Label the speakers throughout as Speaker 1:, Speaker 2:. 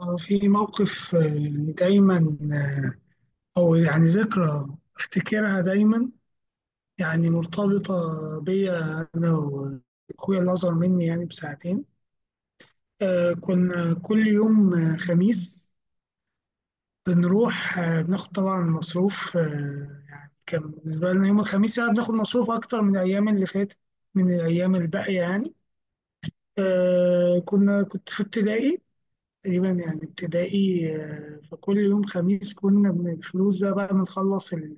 Speaker 1: آه، في موقف آه، يعني دايما آه، أو يعني ذكرى أفتكرها دايما، يعني مرتبطة بيا أنا وأخويا اللي أصغر مني يعني بساعتين. كنا كل يوم خميس بنروح، بناخد طبعا مصروف. يعني كان بالنسبة لنا يوم الخميس يعني بناخد مصروف أكتر من الأيام اللي فاتت، من الأيام الباقية يعني. آه، كنا كنت في ابتدائي تقريبا، يعني ابتدائي. فكل يوم خميس كنا من الفلوس ده بقى بنخلص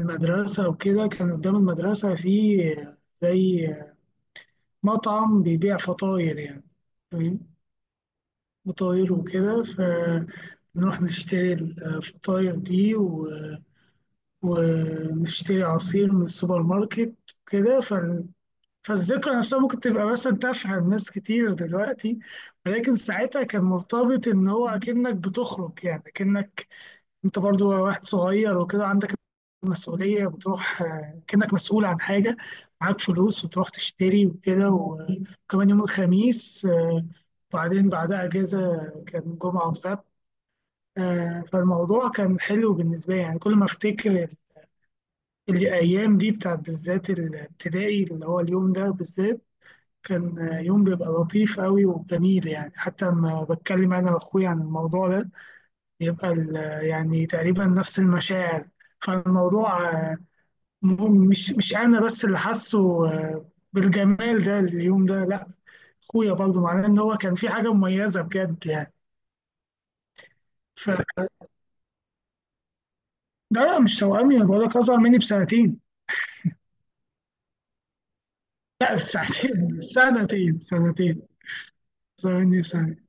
Speaker 1: المدرسة، وكده كان قدام المدرسة في آه، زي آه، مطعم بيبيع فطاير يعني. فاهم؟ فطاير وكده، فنروح نشتري الفطاير دي ونشتري عصير من السوبر ماركت وكده. فالذكرى نفسها ممكن تبقى مثلا تافهة لناس كتير دلوقتي، ولكن ساعتها كان مرتبط ان هو اكنك بتخرج، يعني اكنك انت برضو واحد صغير وكده، عندك مسؤولية، بتروح كأنك مسؤول عن حاجة، معاك فلوس وتروح تشتري وكده. وكمان يوم الخميس، وبعدين بعدها أجازة، كان جمعة وسبت. فالموضوع كان حلو بالنسبة لي يعني. كل ما أفتكر الأيام دي بتاعت بالذات الابتدائي، اللي هو اليوم ده بالذات كان يوم بيبقى لطيف قوي وجميل يعني. حتى لما بتكلم أنا وأخويا عن الموضوع ده يبقى يعني تقريبا نفس المشاعر. فالموضوع مش انا بس اللي حاسه بالجمال ده، اليوم ده لا، اخويا برضه، معناه ان هو كان في حاجه مميزه بجد يعني. ف لا لا، مش توأمي، انا بقول لك اصغر مني بسنتين. لا بساعتين سنتين، سنتين اصغر مني بسنتين.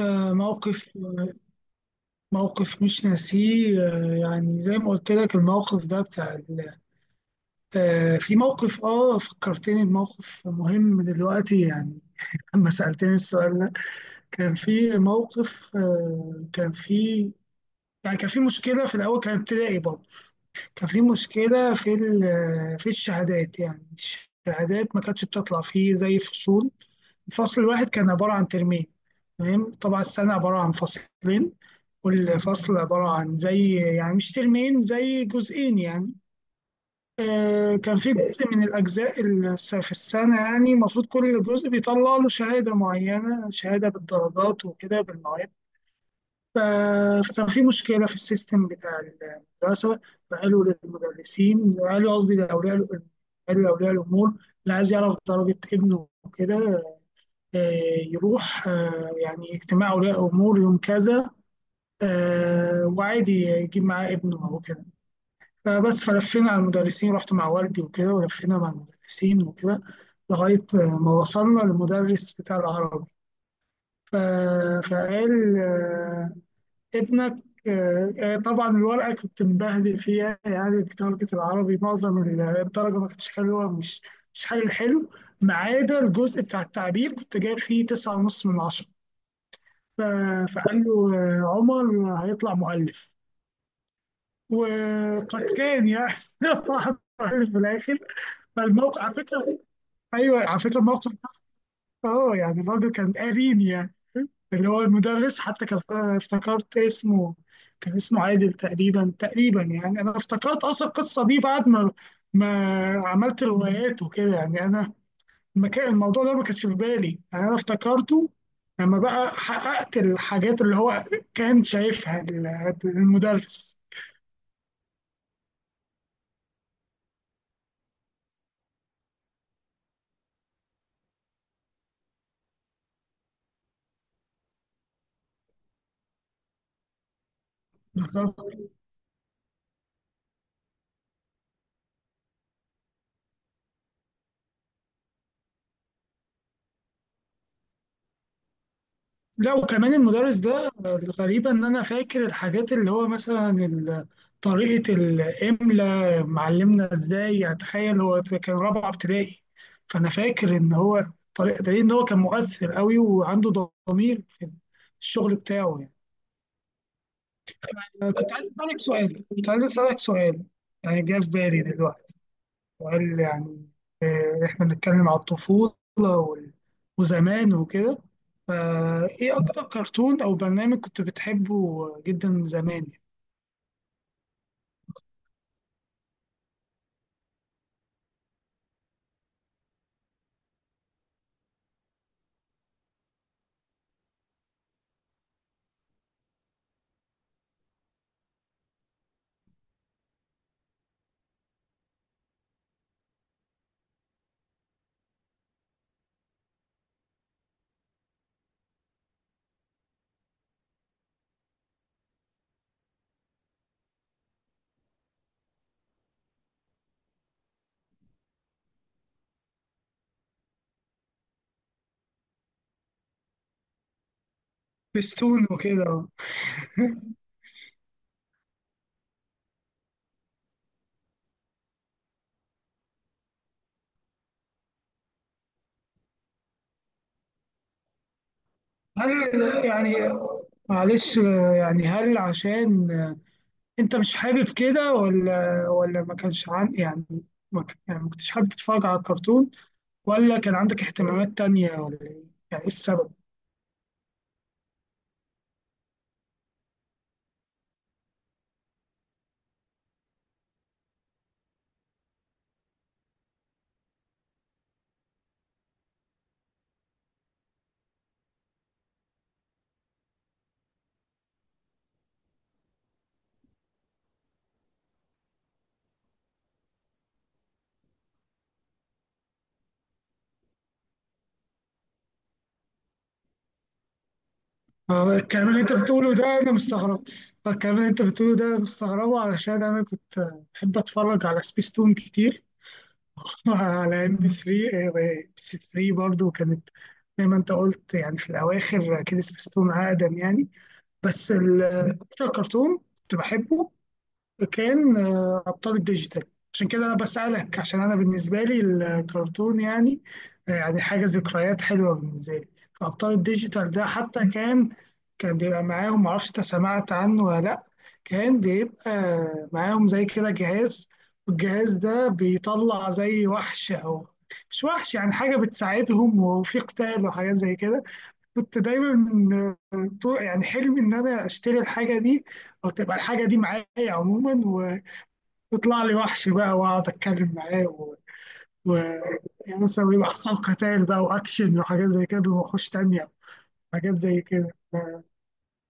Speaker 1: آه، موقف آه، موقف مش ناسيه. يعني زي ما قلت لك الموقف ده بتاع ال- آه، في موقف اه فكرتني بموقف مهم دلوقتي، يعني لما سألتني السؤال ده. كان في موقف آه، كان في يعني كان في مشكلة في الأول، كان ابتدائي برضه. كان في مشكلة في الشهادات يعني. الشهادات ما كانتش بتطلع فيه زي فصول. الفصل الواحد كان عبارة عن ترمين، تمام؟ طبعا السنة عبارة عن فصلين، والفصل عبارة عن زي يعني مش ترمين، زي جزئين يعني. كان في جزء من الأجزاء في السنة يعني، المفروض كل جزء بيطلع له شهادة معينة، شهادة بالدرجات وكده، بالمواد. ف- فكان في مشكلة في السيستم بتاع المدرسة. فقالوا للمدرسين، قالوا قصدي قالوا لأولياء الأمور، اللي عايز يعرف درجة ابنه وكده يروح يعني اجتماع أولياء أمور يوم كذا، وعادي يجيب معاه ابنه أو كده. فبس فلفينا على المدرسين، رحت مع والدي وكده، ولفينا مع المدرسين وكده، لغاية ما وصلنا للمدرس بتاع العربي. ف... فقال آه، ابنك طبعا الورقة كنت مبهدل فيها يعني، درجة العربي معظم الدرجة ما كانتش حلوة، مش مش حل حلو، ما عدا الجزء بتاع التعبير كنت جايب فيه تسعة ونص من عشرة. ف... فقال له عمر هيطلع مؤلف. وقد كان يعني، طلع مؤلف في الآخر. فالموقف على فكره، ايوه، على فكره الموقف ده اه، يعني الراجل كان قارين يعني، اللي هو المدرس، حتى كان افتكرت اسمه، كان اسمه عادل تقريبا. يعني انا افتكرت اصلا القصه دي بعد ما عملت روايات وكده يعني. ما كان الموضوع ده ما كانش في بالي يعني، انا افتكرته لما بقى حققت الحاجات اللي هو كان شايفها المدرس. لا وكمان المدرس ده، الغريبة إن أنا فاكر الحاجات اللي هو مثلا طريقة الإملا معلمنا إزاي يعني. تخيل هو كان رابعة ابتدائي، فأنا فاكر إن هو الطريقة ده، إن هو كان مؤثر قوي وعنده ضمير في الشغل بتاعه. كنت عايز أسألك سؤال، يعني جه في بالي دلوقتي وقال يعني، إحنا بنتكلم على الطفولة وزمان وكده، فإيه أكتر كرتون أو برنامج كنت بتحبه جدا زمان؟ بستون وكده. هل يعني معلش آه، يعني هل عشان أنت مش حابب كده، ولا ما كانش عن يعني، ما ك- يعني ما كنتش حابب تتفرج على الكرتون، ولا كان عندك اهتمامات تانية، ولا إيه؟ يعني إيه السبب؟ الكلام اللي انت بتقوله ده انا مستغرب. الكلام اللي انت بتقوله ده مستغربه، علشان انا كنت بحب اتفرج على سبيس تون كتير. على ام بي 3، برضو كانت زي ما انت قلت يعني، في الاواخر كده سبيس تون اقدم يعني. بس ال- اكتر كرتون كنت بحبه كان ابطال الديجيتال. عشان كده انا بسالك، عشان انا بالنسبه لي الكرتون يعني يعني حاجه، ذكريات حلوه بالنسبه لي. ابطال الديجيتال ده حتى كان، كان بيبقى معاهم معرفش انت سمعت عنه ولا لا. كان بيبقى معاهم زي كده جهاز، والجهاز ده بيطلع زي وحش، او مش وحش يعني، حاجه بتساعدهم، وفي قتال وحاجات زي كده. كنت دايما يعني حلمي ان انا اشتري الحاجه دي، او تبقى الحاجه دي معايا عموما، ويطلع لي وحش بقى واقعد اتكلم معاه و... يعني مثلا يبقى حصل قتال بقى، واكشن وحاجات زي كده، بوحوش تانية، حاجات زي كده.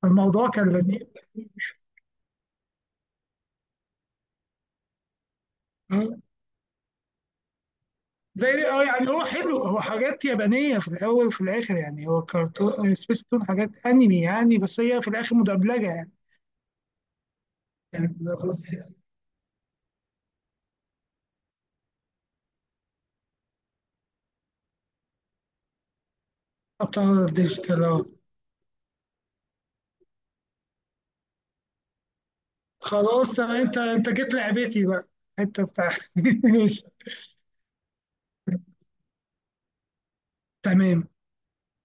Speaker 1: فالموضوع كان لذيذ. آه. زي اه يعني هو حلو، هو حاجات يابانيه في الاول وفي الاخر يعني، هو كرتون سبيستون حاجات انمي يعني، بس هي في الاخر مدبلجه يعني. يعني بس- ابطال ديجيتال. خلاص تمام، انت جيت لعبتي بقى، انت بتاع. ماشي، تمام.